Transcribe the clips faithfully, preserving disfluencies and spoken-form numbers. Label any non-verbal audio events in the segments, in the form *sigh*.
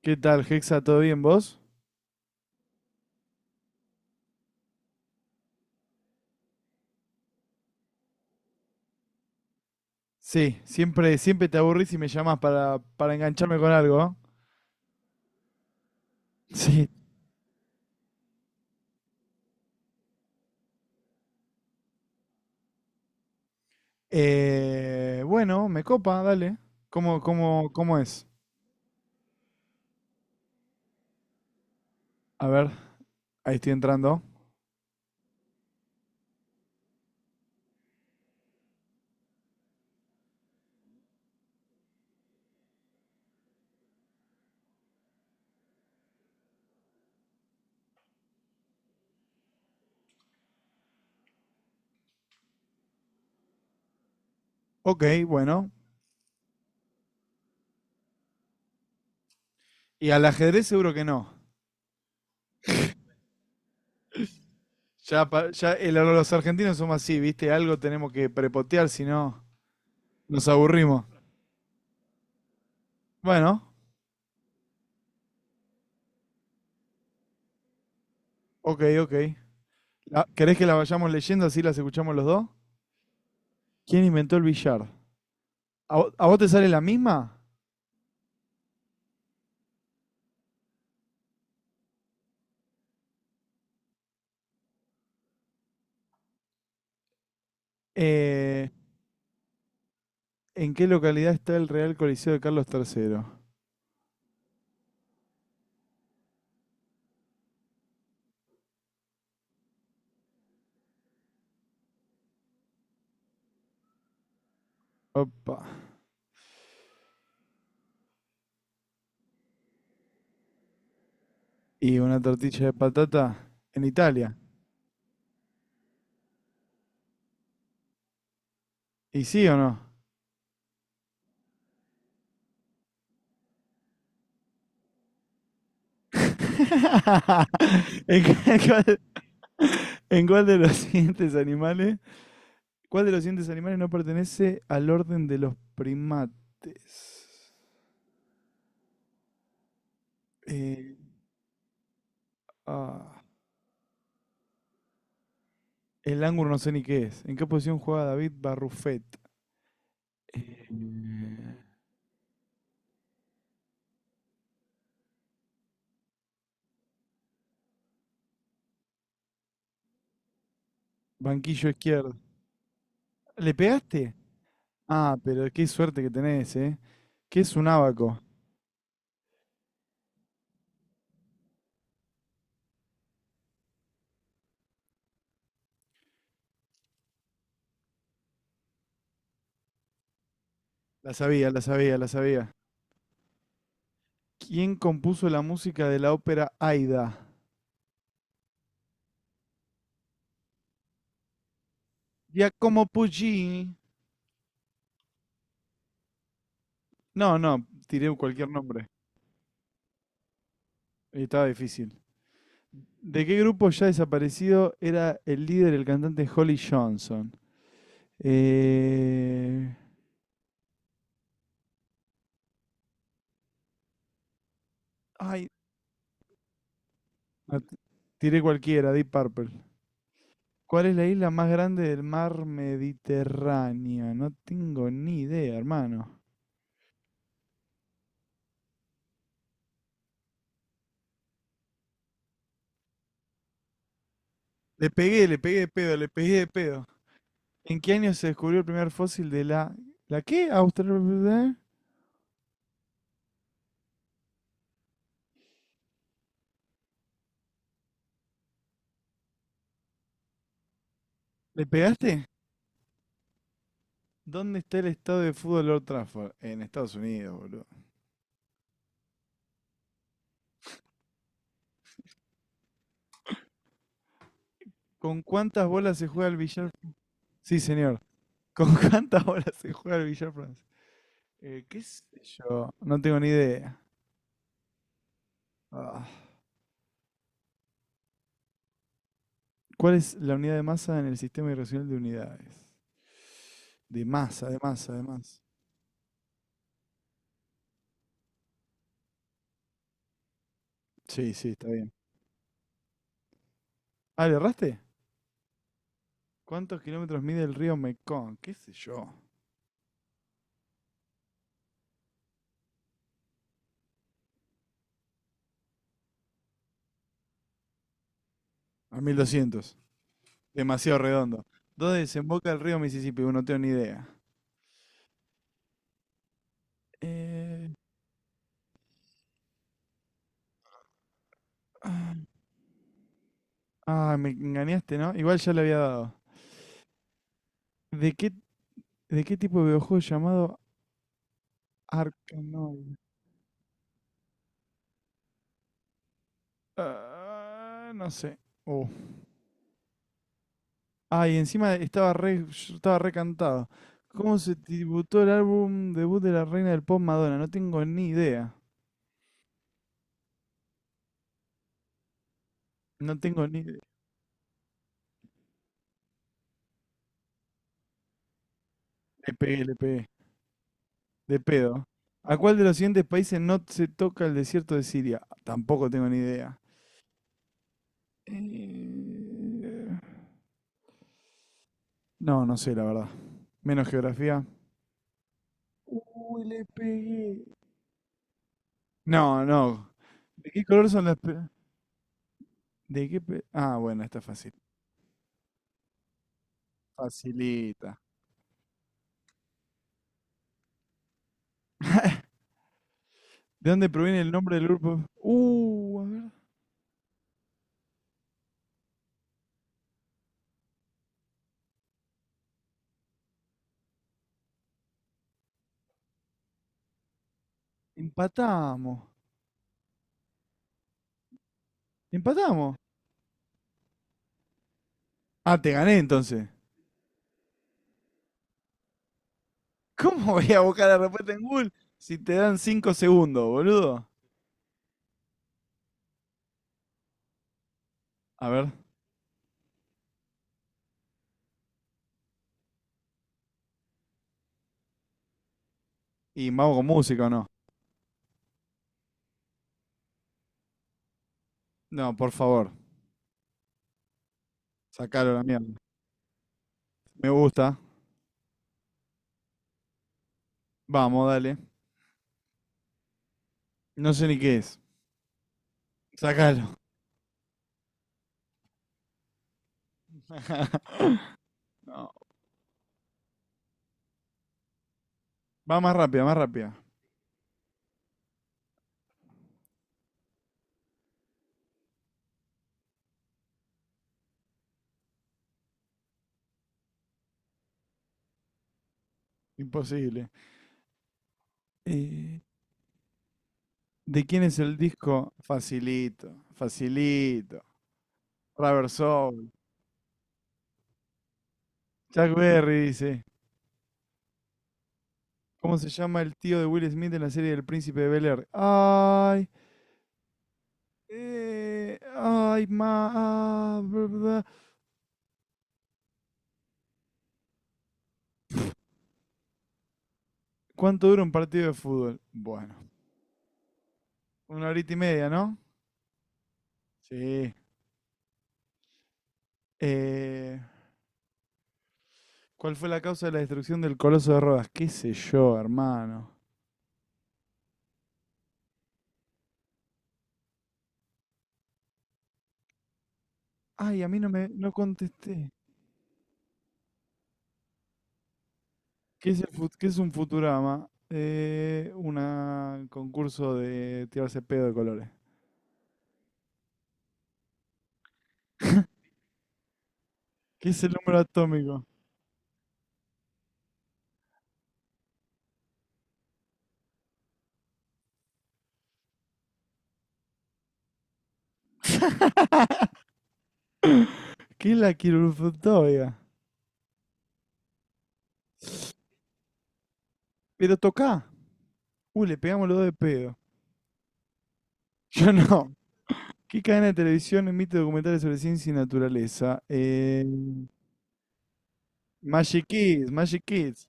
¿Qué tal, Hexa? ¿Todo bien vos? Sí, siempre, siempre te aburrís y me llamás para, para engancharme con algo. ¿Eh? Sí. Eh, bueno, me copa, dale. ¿Cómo, cómo, cómo es? A ver, ahí estoy entrando. Ok, bueno. Y al ajedrez seguro que no. Ya, pa- ya el- los argentinos somos así, ¿viste? Algo tenemos que prepotear, si no nos aburrimos. Bueno, ok, ok. La- ¿Querés que la vayamos leyendo así las escuchamos los dos? ¿Quién inventó el billar? ¿A, vo- a vos te sale la misma? Eh, ¿En qué localidad está el Real Coliseo de Carlos tres? Opa. ¿Y una tortilla de patata? En Italia. ¿Y sí o no? *laughs* ¿En qué- en cuál, en cuál de los siguientes animales? ¿Cuál de los siguientes animales no pertenece al orden de los primates? Eh, ah, el ángulo no sé ni qué es. ¿En qué posición juega David Barrufet? Eh, banquillo izquierdo. ¿Le pegaste? Ah, pero qué suerte que tenés, ¿eh? ¿Qué es un ábaco? La sabía, la sabía, la sabía. ¿Quién compuso la música de la ópera Aida? Giacomo Puccini. No, no, tiré cualquier nombre. Estaba difícil. ¿De qué grupo ya desaparecido era el líder, el cantante Holly Johnson? Eh... Ay, no, t- tiré cualquiera, Deep Purple. ¿Cuál es la isla más grande del mar Mediterráneo? No tengo ni idea, hermano. Le pegué, le pegué de pedo, le pegué de pedo. ¿En qué año se descubrió el primer fósil de la... ¿La qué? ¿Australia? ¿Le pegaste? ¿Dónde está el estado de fútbol Lord Trafford? En Estados Unidos, boludo. ¿Con cuántas bolas se juega el billar? Sí, señor. *laughs* ¿Con cuántas bolas se juega el billar francés? Eh, ¿Qué sé yo? No tengo ni idea. Ah. ¿Cuál es la unidad de masa en el sistema irracional de unidades? De masa, de masa, de masa. Sí, sí, está bien. Ah, ¿le erraste? ¿Cuántos kilómetros mide el río Mekong? ¿Qué sé yo? A mil doscientos. Demasiado redondo. ¿Dónde desemboca el río Mississippi? Bueno, no tengo ni idea. Eh, Ah, me engañaste, ¿no? Igual ya le había dado. ¿De qué, de qué tipo de videojuego llamado Arkanoid? Ah, no sé. Oh. Ah, y encima estaba re, yo estaba recantado. ¿Cómo se tributó el álbum debut de la reina del pop Madonna? No tengo ni idea. No tengo ni idea. Le pegué, le pegué. De pedo. ¿A cuál de los siguientes países no se toca el desierto de Siria? Tampoco tengo ni idea. Eh, No, no sé, la verdad. Menos geografía. Uy, le pegué. No, no. ¿De qué color son las... pe- ¿De qué pe- Ah, bueno, está fácil. Facilita. ¿De dónde proviene el nombre del grupo? Uh, a ver. Empatamos. Empatamos. Ah, te gané entonces. ¿Cómo voy a buscar la respuesta en Google si te dan cinco segundos, boludo? A ver. ¿Y mago con música o no? No, por favor, sacalo a la mierda. Me gusta. Vamos, dale. No sé ni qué es. Sacalo. *laughs* No, va más rápida, más rápida. Imposible. Eh, ¿De quién es el disco? Facilito, facilito. Rubber Soul. Chuck Berry dice. ¿Cómo se llama el tío de Will Smith en la serie del Príncipe de Bel-Air? Ay, eh, ay, ma, ah, bla, bla. ¿Cuánto dura un partido de fútbol? Bueno, una horita y media, ¿no? Sí. Eh, ¿Cuál fue la causa de la destrucción del Coloso de Rodas? ¿Qué sé yo, hermano? Ay, a mí no me no contesté. ¿Qué es, el fut- qué es un Futurama? Eh, una- un concurso de tirarse pedo de colores. *laughs* ¿Qué es el número atómico? ¿Qué es la quirúrgica? Pero toca. Uy, le pegamos los dos de pedo. *laughs* Yo no. ¿Qué cadena de televisión emite documentales sobre ciencia y naturaleza? Eh, Magic Kids, Magic Kids.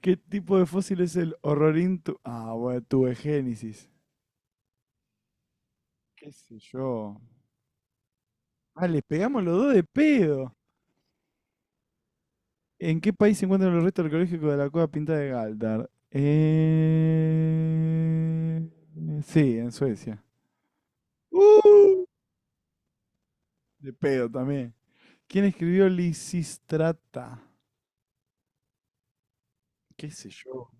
¿Qué tipo de fósil es el horrorintu? Ah, bueno, tuve. ¿Qué sé yo? Ah, les pegamos los dos de pedo. ¿En qué país se encuentran los restos arqueológicos de la cueva pintada de Galdar? Eh... Sí, en Suecia. ¡Uh! De pedo también. ¿Quién escribió Lisistrata? ¿Qué sé yo?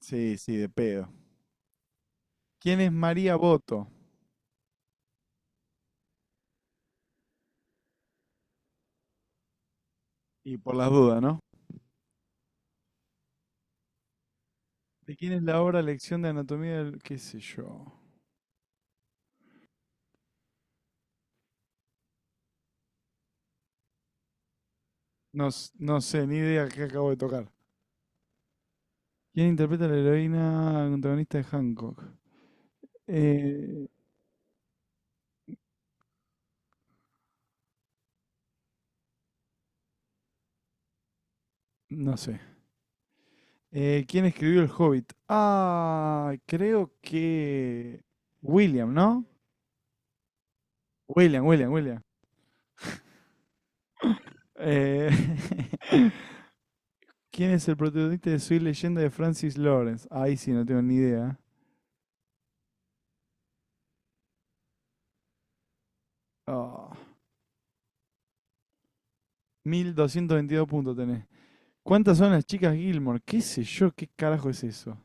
Sí, sí, de pedo. ¿Quién es María Boto? Y por las dudas, ¿no? ¿De quién es la obra Lección de Anatomía del... qué sé yo? No, s- no sé, ni idea qué acabo de tocar. ¿Quién interpreta a la heroína antagonista de Hancock? Eh, no sé. Eh, ¿quién escribió El Hobbit? Ah, creo que William, ¿no? William, William, William. Eh, *laughs* ¿Quién es el protagonista de Soy Leyenda de Francis Lawrence? Ahí sí, no tengo ni idea. Ah, mil doscientos veintidós puntos tenés. ¿Cuántas son las chicas Gilmore? ¿Qué sé yo? ¿Qué carajo es eso?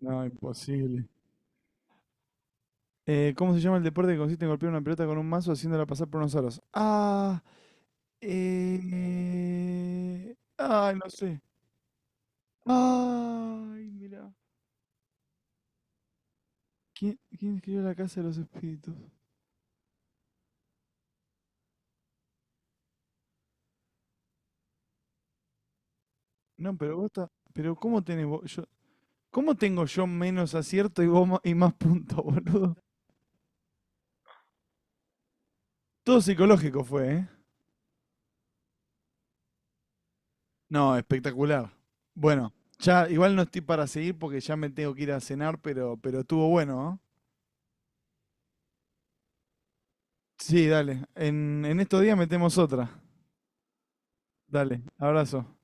No, imposible. Eh, ¿cómo se llama el deporte que consiste en golpear una pelota con un mazo haciéndola pasar por unos aros? Ah, eh, ay, no sé. Ay, mira. ¿Quién, quién escribió La Casa de los Espíritus? No, pero vos está, pero ¿cómo tenés vos- yo, cómo tengo yo menos acierto y vos ma- y más puntos, *laughs* boludo? Todo psicológico fue, ¿eh? No, espectacular. Bueno, ya igual no estoy para seguir porque ya me tengo que ir a cenar, pero pero estuvo bueno, ¿no? Sí, dale. En, en estos días metemos otra. Dale, abrazo.